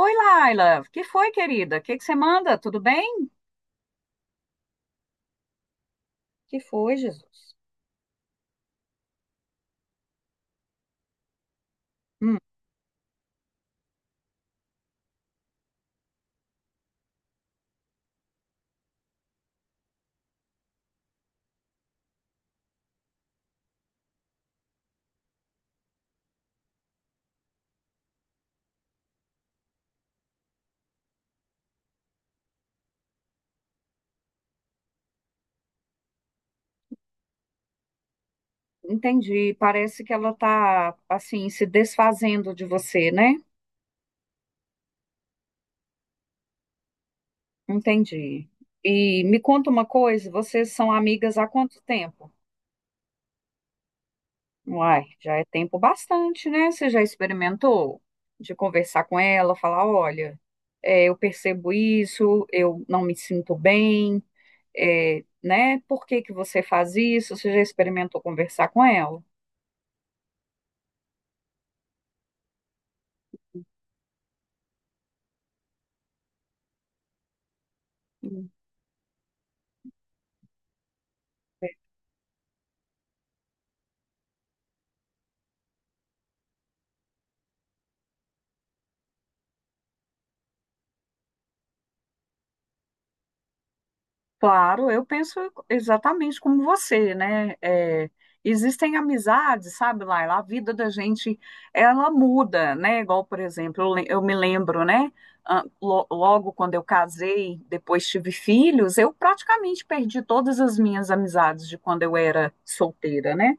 Oi, Laila. Que foi, querida? O que que você manda? Tudo bem? Que foi, Jesus? Hum, entendi. Parece que ela tá assim se desfazendo de você, né? Entendi. E me conta uma coisa, vocês são amigas há quanto tempo? Uai, já é tempo bastante, né? Você já experimentou de conversar com ela, falar, olha, eu percebo isso, eu não me sinto bem, né? Por que que você faz isso? Você já experimentou conversar com ela? Claro, eu penso exatamente como você, né? É, existem amizades, sabe, Laila? A vida da gente, ela muda, né? Igual, por exemplo, eu me lembro, né? Ah, logo quando eu casei, depois tive filhos, eu praticamente perdi todas as minhas amizades de quando eu era solteira, né?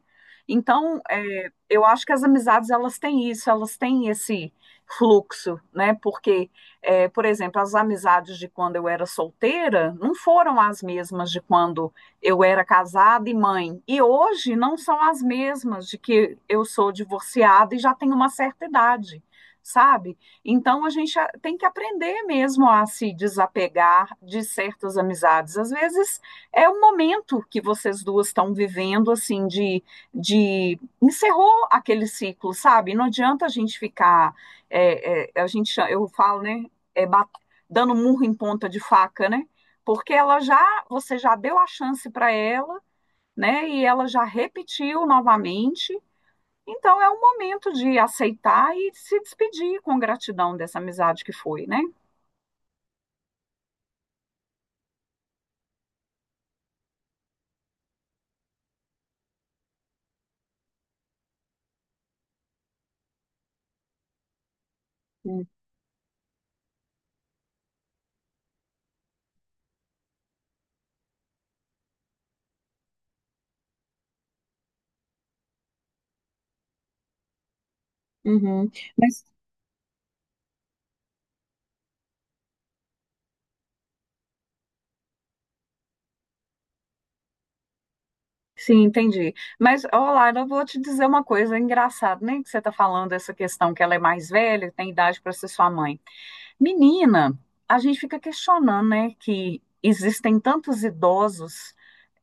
Então, eu acho que as amizades, elas têm isso, elas têm esse fluxo, né? Porque é, por exemplo, as amizades de quando eu era solteira não foram as mesmas de quando eu era casada e mãe. E hoje não são as mesmas de que eu sou divorciada e já tenho uma certa idade, sabe? Então a gente tem que aprender mesmo a se desapegar de certas amizades. Às vezes é um momento que vocês duas estão vivendo, assim, de. Encerrou aquele ciclo, sabe? Não adianta a gente ficar. A gente eu falo né é, bat- dando murro em ponta de faca, né? Porque você já deu a chance para ela, né? E ela já repetiu novamente. Então é o momento de aceitar e se despedir com gratidão dessa amizade que foi, né? Hum. Uhum. Mas sim, entendi. Mas, olá, eu vou te dizer uma coisa engraçada, né? Que você está falando essa questão que ela é mais velha, tem idade para ser sua mãe. Menina, a gente fica questionando, né, que existem tantos idosos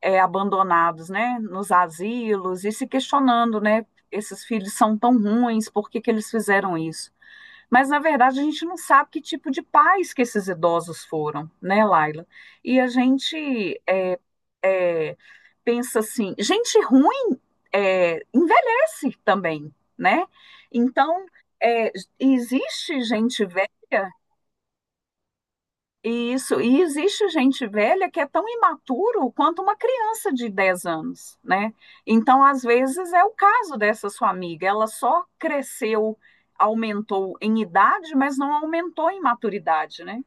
abandonados, né, nos asilos e se questionando, né, esses filhos são tão ruins, por que que eles fizeram isso? Mas na verdade a gente não sabe que tipo de pais que esses idosos foram, né, Laila? E a gente é, é, pensa assim, gente ruim envelhece também, né? Então é, existe gente velha, isso, e existe gente velha que é tão imaturo quanto uma criança de 10 anos, né? Então, às vezes, é o caso dessa sua amiga, ela só cresceu, aumentou em idade, mas não aumentou em maturidade, né?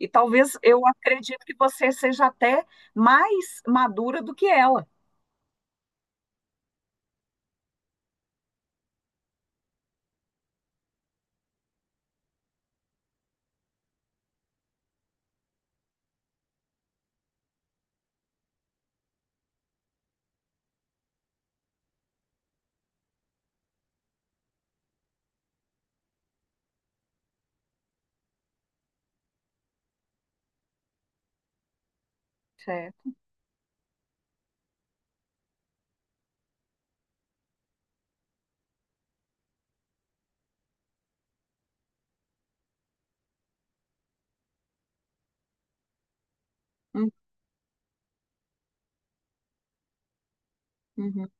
E talvez eu acredito que você seja até mais madura do que ela. Certo. Hum, uhum,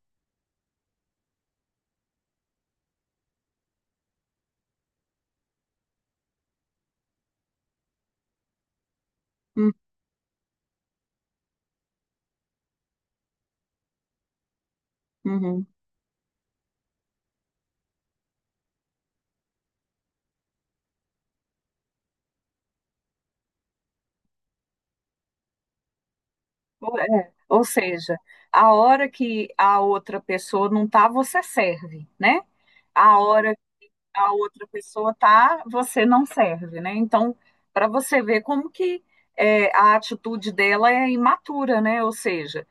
hum, uhum. Ou é, ou seja, a hora que a outra pessoa não tá, você serve, né? A hora a outra pessoa tá, você não serve, né? Então, para você ver como que a atitude dela é imatura, né? Ou seja,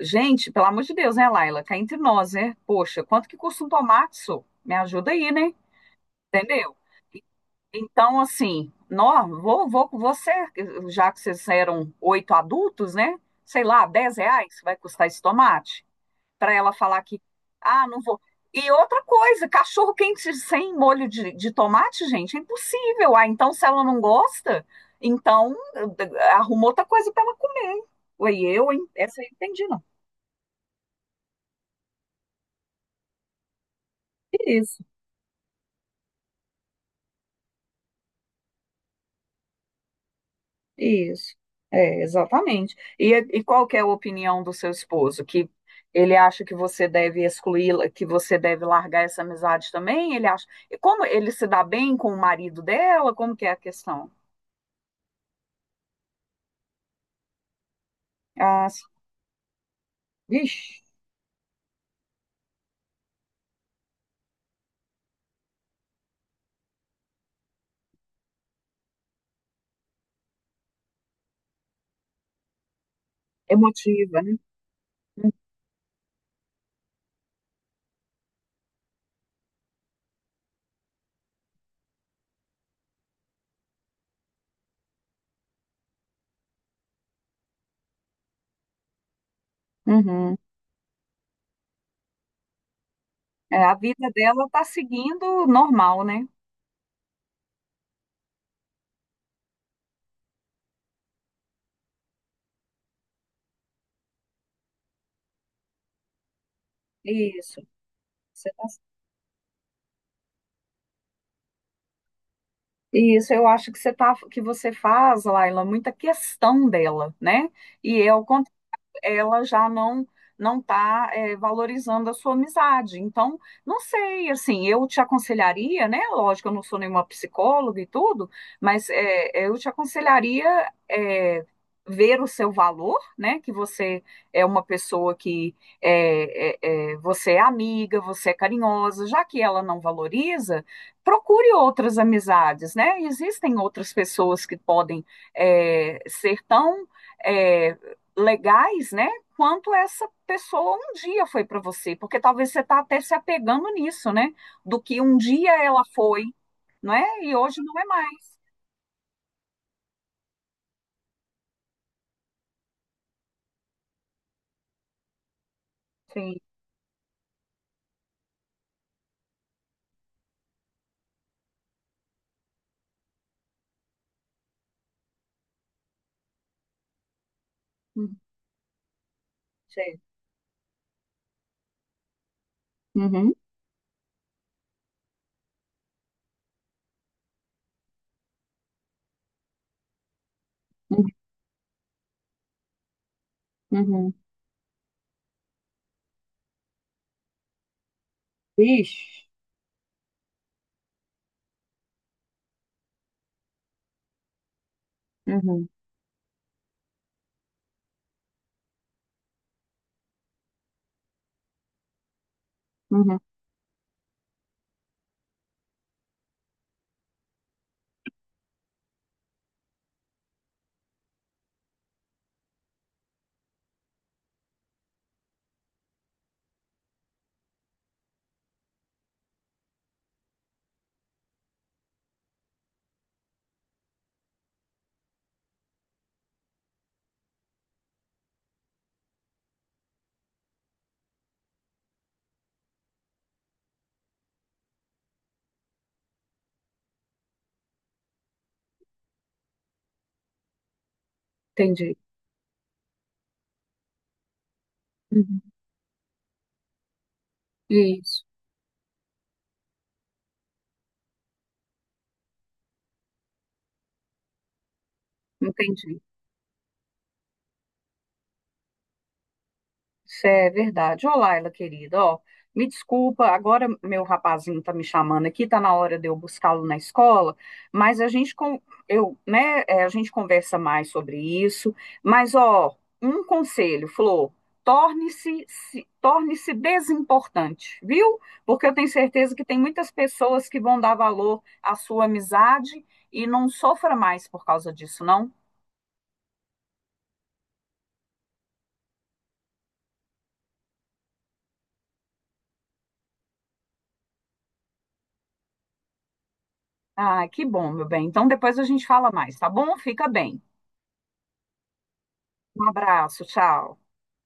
gente, pelo amor de Deus, né, Laila? Cá entre nós, né? Poxa, quanto que custa um tomate? Sô? Me ajuda aí, né? Entendeu? Então, assim, nó, vou com você, já que vocês eram 8 adultos, né? Sei lá, 10 reais vai custar esse tomate? Para ela falar que, ah, não vou. E outra coisa, cachorro quente sem molho de tomate, gente, é impossível. Ah, então se ela não gosta, então arruma outra coisa para ela comer. Oi, eu, hein? Essa eu entendi, não. Isso, isso. É, exatamente. E qual que é a opinião do seu esposo? Que ele acha que você deve excluí-la, que você deve largar essa amizade também? Ele acha. E como ele se dá bem com o marido dela? Como que é a questão? Ah, vixe. Emotiva, né? Uhum. É, a vida dela tá seguindo normal, né? Isso. Você tá- Isso, eu acho que você tá, que você faz, Laila, muita questão dela, né? E é o ela já não está valorizando a sua amizade. Então, não sei, assim, eu te aconselharia, né? Lógico, eu não sou nenhuma psicóloga e tudo, mas eu te aconselharia ver o seu valor, né? Que você é uma pessoa que você é amiga, você é carinhosa, já que ela não valoriza, procure outras amizades, né? Existem outras pessoas que podem ser tão é, legais, né? Quanto essa pessoa um dia foi para você, porque talvez você está até se apegando nisso, né? Do que um dia ela foi, não é? E hoje não é mais. Sim. Hum, sei. Uhum, uhum, uhum. Ixi, uhum, uhum. Entendi. Uhum. Isso, entendi. Isso é verdade. Ô, Laila, querida, ó, me desculpa, agora meu rapazinho tá me chamando aqui, tá na hora de eu buscá-lo na escola, mas a gente com, eu, né, a gente conversa mais sobre isso, mas ó, um conselho, Flor, torne-se se- torne-se desimportante, viu? Porque eu tenho certeza que tem muitas pessoas que vão dar valor à sua amizade e não sofra mais por causa disso, não? Ah, que bom, meu bem. Então depois a gente fala mais, tá bom? Fica bem. Um abraço, tchau.